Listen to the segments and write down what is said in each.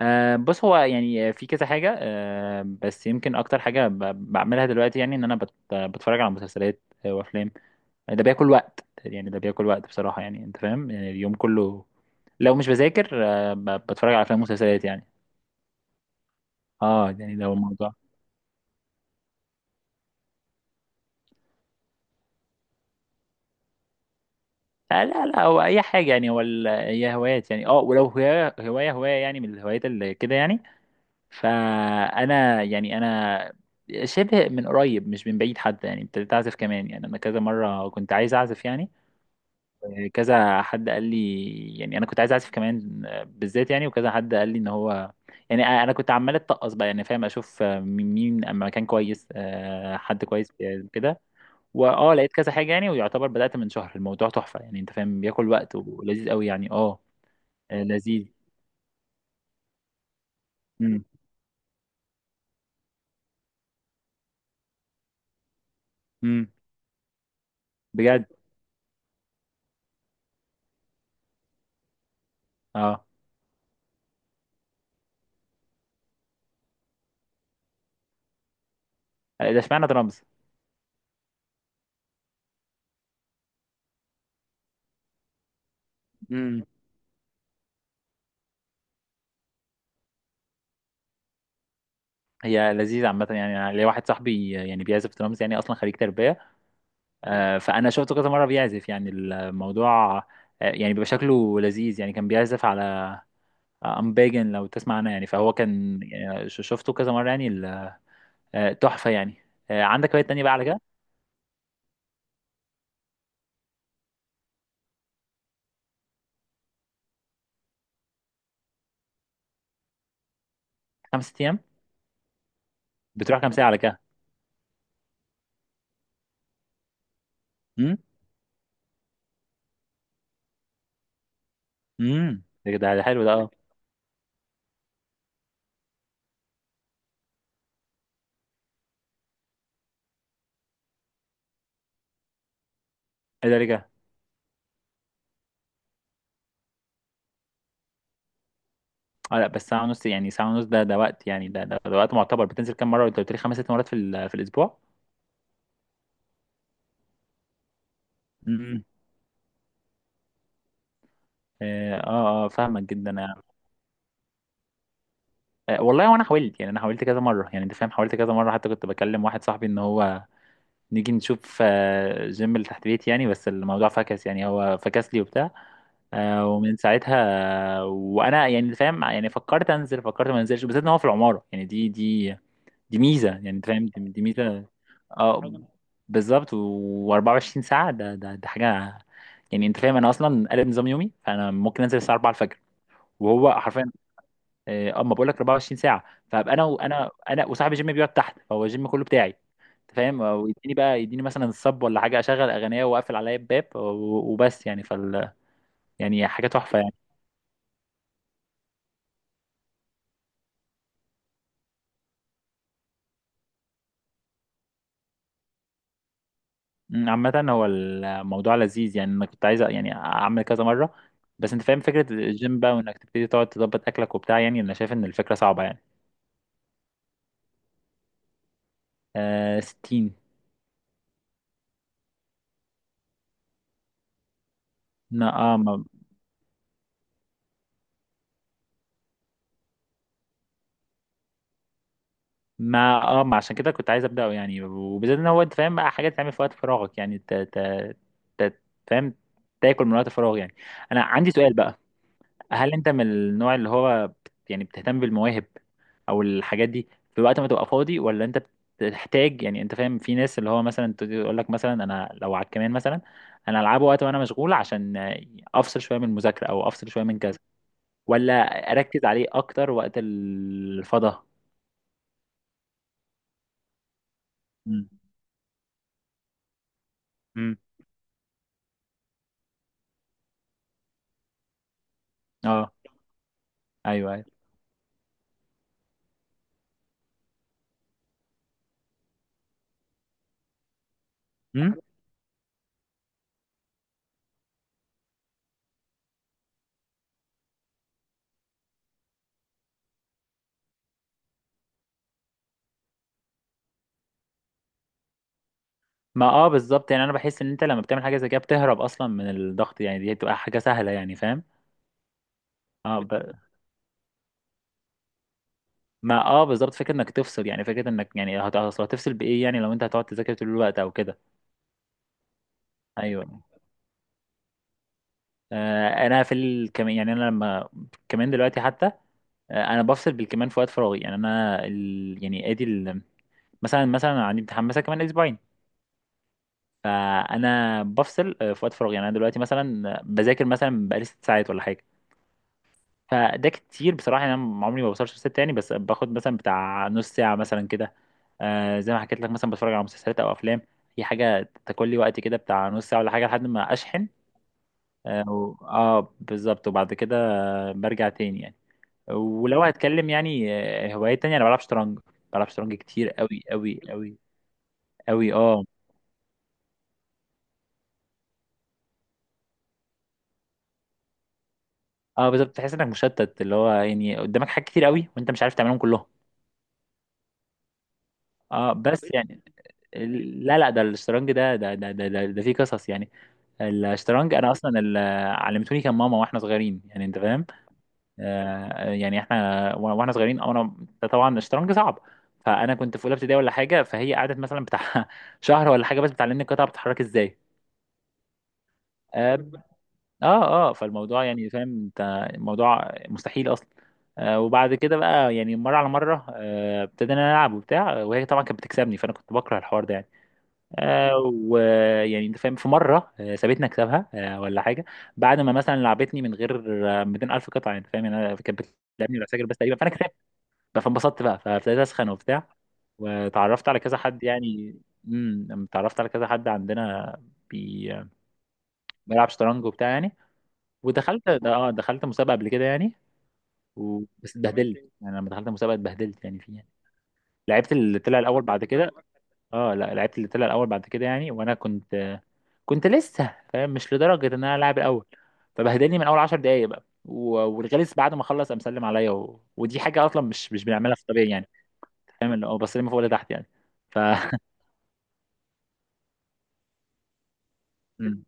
بص هو يعني في كذا حاجة بس يمكن أكتر حاجة بعملها دلوقتي يعني إن أنا بتفرج على مسلسلات وأفلام. ده بياكل وقت يعني ده بياكل وقت بصراحة يعني أنت فاهم يعني اليوم كله لو مش بذاكر بتفرج على أفلام ومسلسلات يعني. يعني ده هو الموضوع. لا لا، هو أي حاجة يعني. هو هي هوايات يعني، ولو هواية هواية هواية يعني، من الهوايات اللي كده يعني. فانا يعني انا شبه من قريب مش من بعيد حتى يعني، ابتديت اعزف كمان، يعني انا كذا مره كنت عايز اعزف يعني، كذا حد قال لي. يعني انا كنت عايز اعزف كمان بالذات يعني، وكذا حد قال لي ان هو يعني. انا كنت عمال اتقص بقى، يعني فاهم، اشوف مين مين أما مكان كويس، حد كويس كده. واه لقيت كذا حاجه يعني، ويعتبر بدات من شهر. الموضوع تحفه يعني انت فاهم، بياكل وقت ولذيذ قوي يعني. اه، لذيذ. امم امم بجد؟ اه، ده اشمعنى درامز؟ هي لذيذة عامة يعني. أنا ليا واحد صاحبي يعني بيعزف درامز، يعني أصلا خريج تربية، فأنا شفته كذا مرة بيعزف يعني. الموضوع يعني بيبقى شكله لذيذ يعني. كان بيعزف على أمباجن لو تسمع عنها يعني. فهو كان يعني شفته كذا مرة يعني آه، تحفة يعني. عندك هوايات تانية بقى على كده؟ 5 أيام؟ بتروح كام ساعة على كده؟ أمم أمم ده ده حلو ده. إيه ده رجع؟ اه لا، بس ساعة ونص يعني، ساعة ونص ده ده وقت يعني، ده وقت معتبر. بتنزل كام مرة؟ أنت قلت لي خمس ست مرات في في الأسبوع؟ اه، اه، فاهمك جدا يعني. والله وانا حاولت يعني، انا حاولت كذا مره يعني انت فاهم، حاولت كذا مره، حتى كنت بكلم واحد صاحبي ان هو نيجي نشوف جيم اللي تحت بيتي يعني. بس الموضوع فكس يعني، هو فكس لي وبتاع. ومن ساعتها، وانا يعني أنت فاهم، يعني فكرت انزل، فكرت ما انزلش، بالذات ان هو في العماره يعني. دي دي ميزه يعني انت فاهم، دي ميزه. اه بالظبط. و24 ساعه ده ده حاجه يعني انت فاهم. انا اصلا قلب نظام يومي، فانا ممكن انزل الساعه 4 الفجر وهو حرفيا. اه، اما بقول لك 24 ساعه، فابقى انا وانا وصاحبي، جيم بيقعد تحت، فهو الجيم كله بتاعي انت فاهم. ويديني بقى، يديني مثلا الصب ولا حاجه، اشغل اغنيه واقفل عليا الباب وبس يعني، فال، يعني حاجه تحفه يعني. عامه هو الموضوع لذيذ يعني. انا كنت عايز يعني اعمل كذا مره، بس انت فاهم، فكره الجيم بقى، وانك تبتدي تقعد تظبط اكلك وبتاع، يعني انا شايف ان الفكره صعبه يعني. 60. لا اه. ما اه، ما عشان كده كنت عايز ابداه يعني، وبالذات ان هو انت فاهم بقى، حاجات تعمل في وقت فراغك يعني، ت... فاهم، تاكل من وقت فراغ يعني. انا عندي سؤال بقى: هل انت من النوع اللي هو يعني بتهتم بالمواهب او الحاجات دي في وقت ما تبقى فاضي، ولا انت بتحتاج يعني انت فاهم؟ في ناس اللي هو مثلا تقول لك مثلا انا لو على الكمان مثلا، انا العبه وقت وانا مشغول، عشان افصل شويه من المذاكره او افصل شويه من كذا، ولا اركز عليه اكتر وقت الفضا؟ امم. ايوه ايوه. امم. ما اه، بالظبط يعني. انا بحس ان انت لما بتعمل حاجه زي كده بتهرب اصلا من الضغط يعني، دي بتبقى حاجه سهله يعني، فاهم. اه ب... ما اه، بالظبط، فكره انك تفصل يعني، فكره انك يعني أصل هتفصل بايه يعني؟ لو انت هتقعد تذاكر طول الوقت او كده. ايوه. انا في الكمان يعني. انا لما كمان دلوقتي حتى، انا بفصل بالكمان في وقت فراغي يعني. انا يعني ادي مثلا مثلا عندي امتحان مثلا كمان اسبوعين، فانا بفصل في وقت فراغي يعني. انا دلوقتي مثلا بذاكر مثلا بقالي 6 ساعات ولا حاجه، فده كتير بصراحة يعني. أنا عمري ما بوصلش لست يعني، بس باخد مثلا بتاع نص ساعة مثلا كده. زي ما حكيت لك، مثلا بتفرج على مسلسلات أو أفلام. هي حاجة تاكل لي وقت كده، بتاع نص ساعة ولا حاجة، لحد ما أشحن. بالظبط. وبعد كده برجع تاني يعني. ولو هتكلم يعني هوايات تانية، أنا بلعب شطرنج. بلعب شطرنج كتير أوي أوي أوي أوي. اه اه، بالظبط، تحس إنك مشتت، اللي هو يعني قدامك حاجات كتير أوي وأنت مش عارف تعملهم كلهم. اه بس، لا لا، ده الشطرنج ده ده فيه قصص يعني. الشطرنج انا اصلا علمتوني كان ماما واحنا صغيرين يعني انت فاهم. يعني احنا واحنا صغيرين انا، طبعا الشطرنج صعب، فانا كنت في اولى ابتدائي ولا حاجه، فهي قعدت مثلا بتاع شهر ولا حاجه بس بتعلمني القطعه بتتحرك ازاي. اه اه، فالموضوع يعني فاهم انت، الموضوع مستحيل اصلا. وبعد كده بقى يعني مره على مره، ابتدينا نلعب وبتاع، وهي طبعا كانت بتكسبني، فانا كنت بكره الحوار ده يعني. آه، ويعني انت فاهم، في مره سابتني اكسبها ولا حاجه، بعد ما مثلا لعبتني من غير 200,000 قطعه انت فاهم يعني. انا كانت بتلعبني بالعساكر بس تقريبا، فانا كسبت بقى، فانبسطت بقى، فابتديت اسخن وبتاع، وتعرفت على كذا حد يعني. امم. اتعرفت على كذا حد عندنا بي... بيلعب شطرنج وبتاع يعني. ودخلت، ده اه، دخلت مسابقه قبل كده يعني. بس اتبهدلت يعني. لما دخلت مسابقه اتبهدلت يعني فيها يعني. لعبت اللي طلع الاول بعد كده. اه لا، لعبت اللي طلع الاول بعد كده يعني، وانا كنت، كنت لسه فاهم مش لدرجه ان انا العب الاول، فبهدلني من اول 10 دقايق بقى، والغلس بعد ما خلص قام سلم عليا ودي حاجه اصلا مش مش بنعملها في الطبيعي يعني، فاهم، اللي هو بسلم فوق لتحت يعني. ف مم.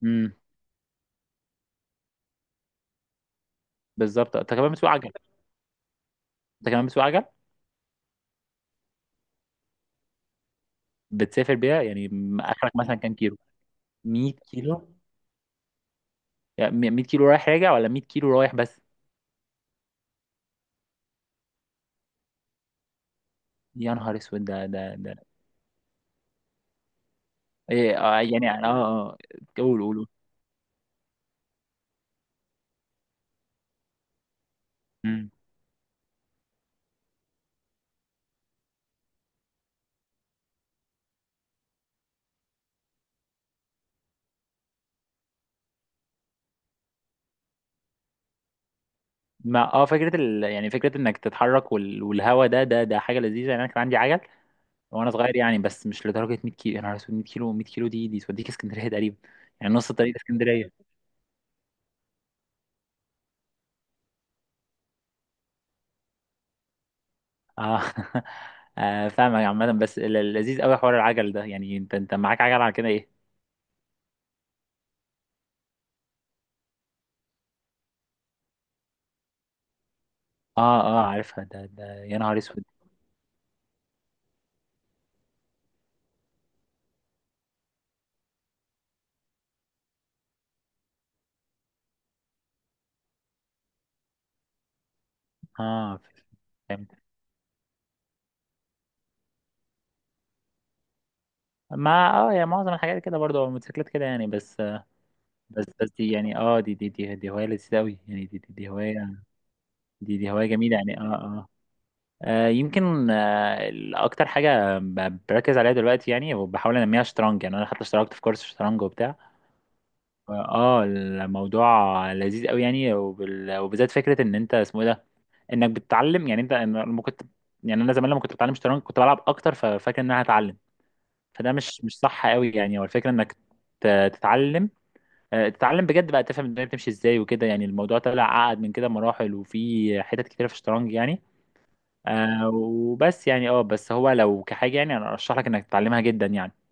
مم. بالظبط. انت كمان بتسوق عجل؟ انت كمان بتسوق عجل؟ بتسافر بيها يعني اخرك مثلا كام كيلو؟ 100 كيلو؟ يعني 100 كيلو رايح راجع، ولا 100 كيلو رايح بس؟ يا نهار اسود، ده ده ده إيه يعني، اه اه. قول قول قول. ما اه، فكره يعني فكره انك تتحرك والهوا ده حاجه لذيذه يعني. انا كان عندي عجل وانا صغير يعني، بس مش لدرجه 100 كيلو. انا رسول 100 كيلو؟ 100 كيلو دي، دي توديك اسكندريه تقريبا يعني، نص الطريق اسكندريه. اه. فاهمك عامه. بس اللذيذ قوي حوار العجل ده يعني. انت انت معاك عجل على كده ايه؟ اه اه عارفها، ده ده يا نهار اسود. اه فهمت. ما اه، يعني معظم الحاجات كده برضه، الموتوسيكلات كده يعني. بس دي يعني، اه، دي هوايه لذيذه قوي يعني. دي هوايه، دي دي هوايه جميله يعني. اه آه. يمكن اكتر حاجه بركز عليها دلوقتي يعني، وبحاول انميها، شطرنج يعني. انا حتى اشتركت في كورس شطرنج وبتاع. اه الموضوع لذيذ قوي يعني، وبالذات فكره ان انت اسمه ايه ده، انك بتتعلم يعني. انت أنا لما كنت، يعني انا زمان لما كنت بتعلم شطرنج كنت بلعب اكتر، ففاكر ان انا هتعلم، فده مش مش صح قوي يعني. هو الفكره انك تتعلم، تتعلم بجد بقى، تفهم الدنيا بتمشي ازاي وكده يعني. الموضوع طلع اعقد من كده مراحل، وفي حتت كتير في الشطرنج يعني. وبس يعني. اه بس هو لو كحاجة يعني، انا ارشح لك انك تتعلمها جدا يعني.